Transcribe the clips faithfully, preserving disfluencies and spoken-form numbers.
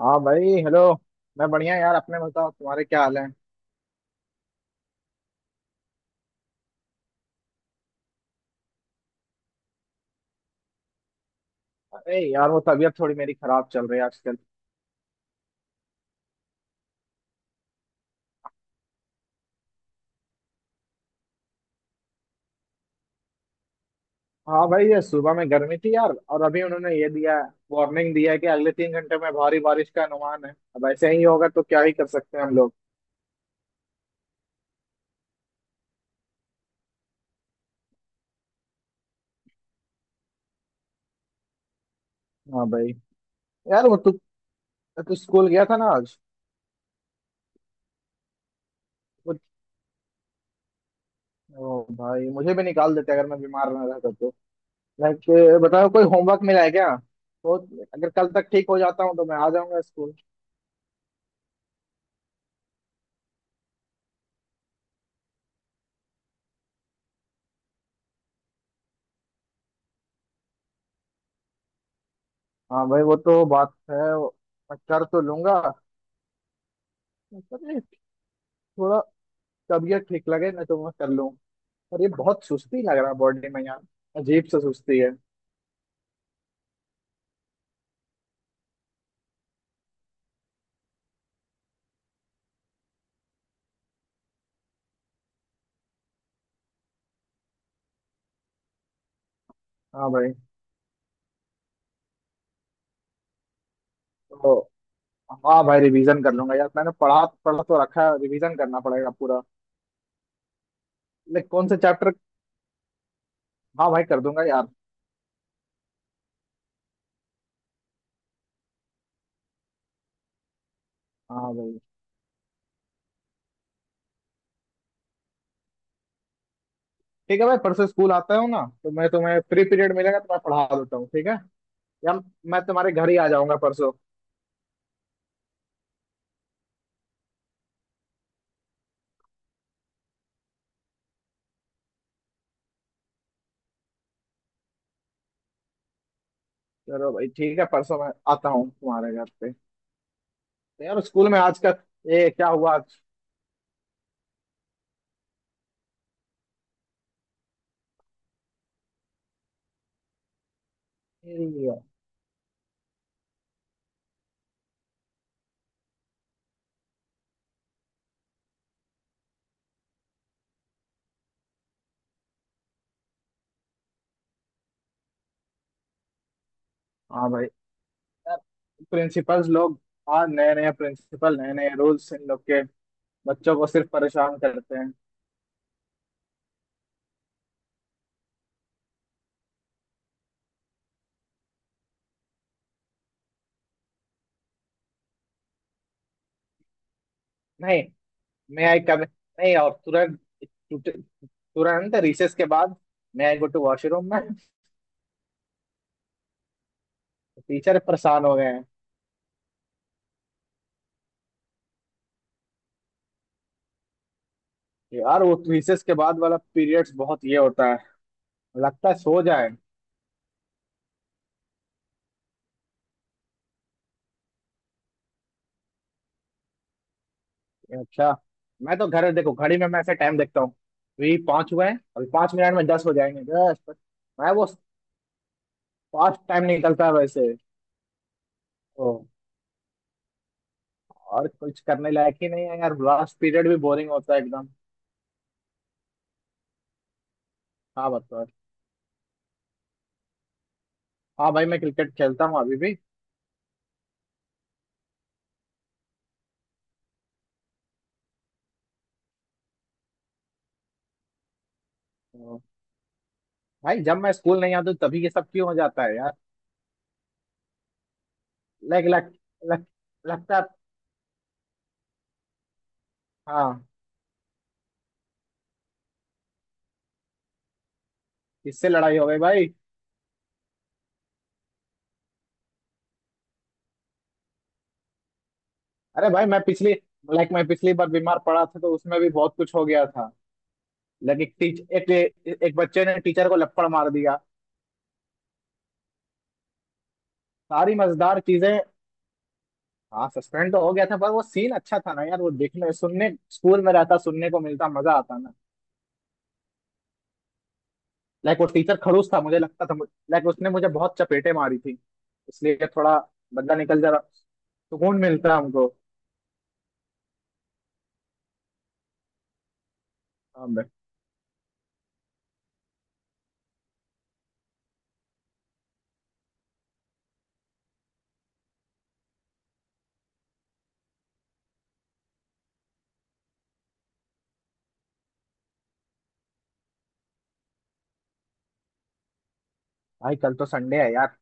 हाँ भाई हेलो। मैं बढ़िया यार, अपने बताओ तुम्हारे क्या हाल है? अरे यार वो तबीयत थोड़ी मेरी खराब चल रही है आजकल। हाँ भाई, ये सुबह में गर्मी थी यार और अभी उन्होंने ये दिया है, वार्निंग दिया है कि अगले तीन घंटे में भारी बारिश का अनुमान है। अब ऐसे ही होगा तो क्या ही कर सकते हैं हम लोग। हाँ भाई। यार वो तू तू स्कूल गया था ना आज? वो- ओ भाई मुझे भी निकाल देते अगर मैं बीमार ना रहता तो। लाइक बताओ कोई होमवर्क मिला है क्या? तो अगर कल तक ठीक हो जाता हूँ तो मैं आ जाऊंगा स्कूल। हाँ भाई, वो तो बात है वो, मैं कर तो लूंगा, मतलब ये, थोड़ा तबीयत ठीक लगे ना तो मैं कर लूँ, पर ये बहुत सुस्ती लग रहा है बॉडी में यार। अजीब सा सुस्ती है। हाँ भाई। तो हाँ भाई, रिवीजन कर लूंगा यार, मैंने पढ़ा पढ़ा तो रखा है, रिवीजन करना पड़ेगा पूरा। लेकिन कौन सा चैप्टर? हाँ भाई कर दूंगा यार। हाँ भाई। ठीक है भाई, परसों स्कूल आता हूँ ना तो मैं तुम्हें फ्री पीरियड मिलेगा तो मैं पढ़ा देता हूँ, ठीक है। या मैं तुम्हारे घर ही आ जाऊंगा परसों। चलो भाई ठीक है, परसों मैं आता हूँ तुम्हारे घर पे। तो यार स्कूल में आज का ये क्या हुआ आज? ये- हाँ भाई। प्रिंसिपल्स लोग, आज नए नए प्रिंसिपल नए नए रूल्स इन लोग के, बच्चों को सिर्फ परेशान करते हैं। नहीं, मैं आई कम नहीं और तुरंत, तुरंत रिसेस के बाद मैं आई गो टू वॉशरूम में। टीचर परेशान हो गए हैं। यार वो रिसेस के बाद वाला पीरियड्स बहुत ये होता है, लगता है सो जाए। अच्छा, मैं तो घर देखो घड़ी में मैं ऐसे टाइम देखता हूँ, अभी पाँच हुए हैं, अभी पाँच मिनट में दस हो जाएंगे दस। मैं वो, फास्ट टाइम निकलता है वैसे। और कुछ करने लायक ही नहीं है यार, लास्ट पीरियड भी बोरिंग होता है एकदम। हाँ बताओ। हाँ भाई, मैं क्रिकेट खेलता हूँ अभी भी। तो भाई जब मैं स्कूल नहीं आता तभी ये सब क्यों हो जाता है यार? लाइक लग, लग, लगता है। हाँ, इससे लड़ाई हो गई भाई। अरे भाई मैं पिछली लाइक मैं पिछली बार बीमार पड़ा था तो उसमें भी बहुत कुछ हो गया था। लाइक एक टीच एक, एक बच्चे ने टीचर को लपड़ मार दिया। सारी मजेदार चीजें। हाँ सस्पेंड तो हो गया था पर वो सीन अच्छा था ना यार, वो देखने सुनने स्कूल में रहता सुनने को मिलता मजा आता। लाइक वो टीचर खड़ूस था मुझे लगता था। लाइक उसने मुझे बहुत चपेटे मारी थी, इसलिए थोड़ा बदला निकल जा रहा, सुकून मिलता हमको। हाँ भाई। भाई, कल तो संडे है यार।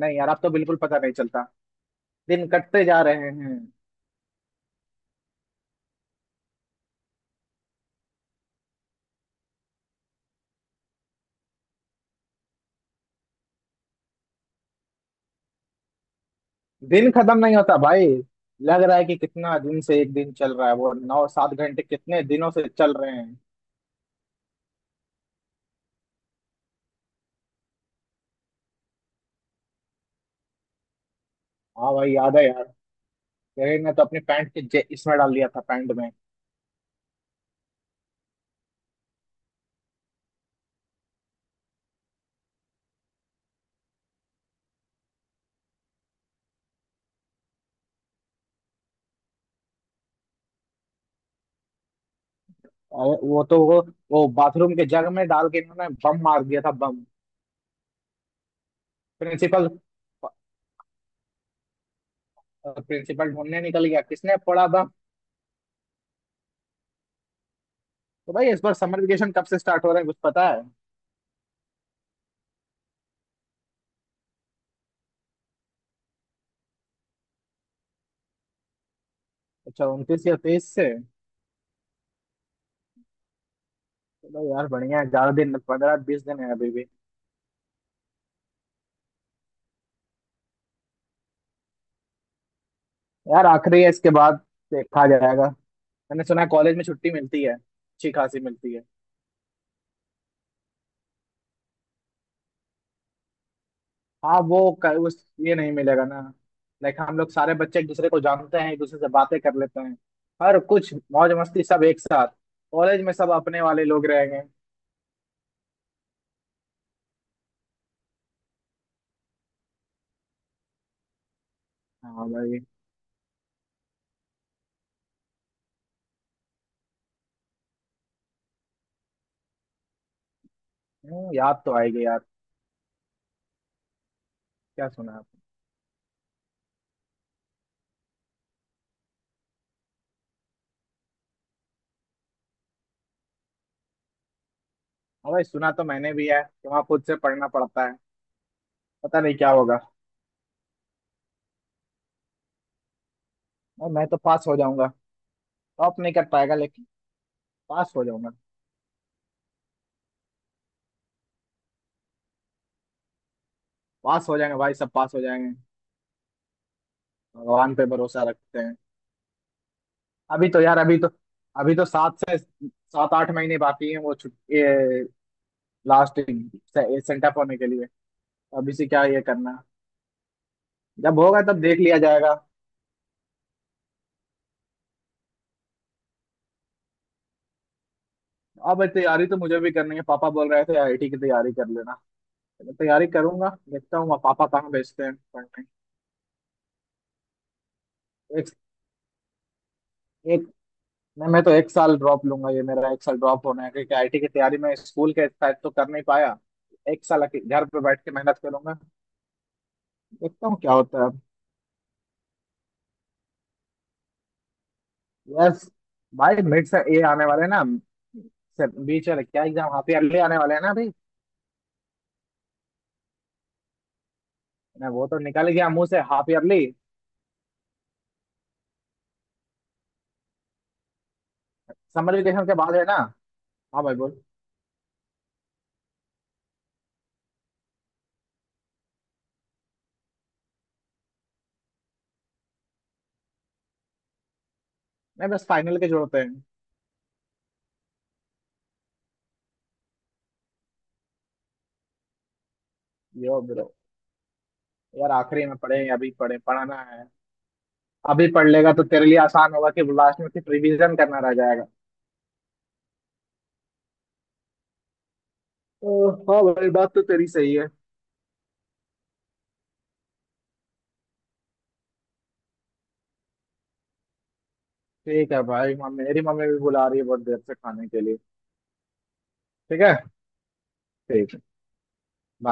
नहीं यार अब तो बिल्कुल पता नहीं चलता, दिन कटते जा रहे हैं। दिन खत्म नहीं होता भाई, लग रहा है कि कितना दिन से एक दिन चल रहा है, वो नौ सात घंटे कितने दिनों से चल रहे हैं। हाँ भाई याद है यार। तेरे ने तो अपनी पैंट के जे- इसमें डाल दिया था, पैंट में। और वो तो वो वो बाथरूम के जग में डाल के इन्होंने बम मार दिया था, बम। प्रिंसिपल और प्रिंसिपल ढूंढने निकल गया किसने फोड़ा बम। तो भाई इस बार समर वेकेशन कब से स्टार्ट हो रहा है, कुछ पता है? अच्छा, उनतीस या तेईस से। तो भाई यार बढ़िया है, ज्यादा दिन, पंद्रह बीस दिन है अभी भी। यार आखिरी है, इसके बाद देखा जाएगा। मैंने सुना है कॉलेज में छुट्टी मिलती है, अच्छी खासी मिलती है। हाँ, वो क- उस ये नहीं मिलेगा ना। लाइक हम लोग सारे बच्चे एक दूसरे को जानते हैं, एक दूसरे से बातें कर लेते हैं। हर कुछ मौज मस्ती सब एक साथ। कॉलेज में सब अपने वाले लोग रहेंगे। हाँ भाई। हम्म, याद तो आएगी यार। क्या सुना? हाँ भाई, सुना तो मैंने भी है कि वहाँ खुद से पढ़ना पड़ता है। पता नहीं क्या होगा। और मैं तो पास हो जाऊंगा। टॉप नहीं कर पाएगा लेकिन पास हो जाऊंगा। पास हो जाएंगे भाई, सब पास हो जाएंगे। भगवान पे भरोसा रखते हैं। अभी तो यार अभी तो अभी तो सात से सात आठ महीने बाकी हैं वो छुट्टी, लास्ट सेंटअप होने के लिए। अभी से क्या ये करना, जब होगा तब देख लिया जाएगा। अब तैयारी तो मुझे भी करनी है, पापा बोल रहे थे आई आई टी की तैयारी कर लेना। मैं तैयारी करूंगा, देखता हूँ पापा कहाँ भेजते हैं पढ़ने। एक एक नहीं, मैं तो एक साल ड्रॉप लूंगा, ये मेरा एक साल ड्रॉप होना है क्योंकि आईटी की तैयारी में स्कूल के साथ तो कर नहीं पाया। एक साल अके- घर पे बैठ के मेहनत करूंगा। देखता हूँ क्या होता है। यस। भाई मिड से ये आने वाले हैं ना, से- बीच वाले क्या एग्जाम हाफ ईयरली आने वाले हैं ना अभी। मैं वो, तो निकल गया मुंह से हाफ ईयरली। समर वेकेशन के बाद है ना? हाँ भाई बोल। नहीं, बस फाइनल के जोड़ते हैं। यो ब्रो। यार आखिरी में पढ़े या अभी पढ़े, पढ़ाना है। अभी पढ़ लेगा तो तेरे लिए आसान होगा कि लास्ट में फिर रिवीजन करना रह जाएगा। तो हाँ भाई, बात तो तेरी सही है। ठीक है भाई, मम्मी मेरी मम्मी भी बुला रही है बहुत देर से खाने के लिए। ठीक है। ठीक है bye।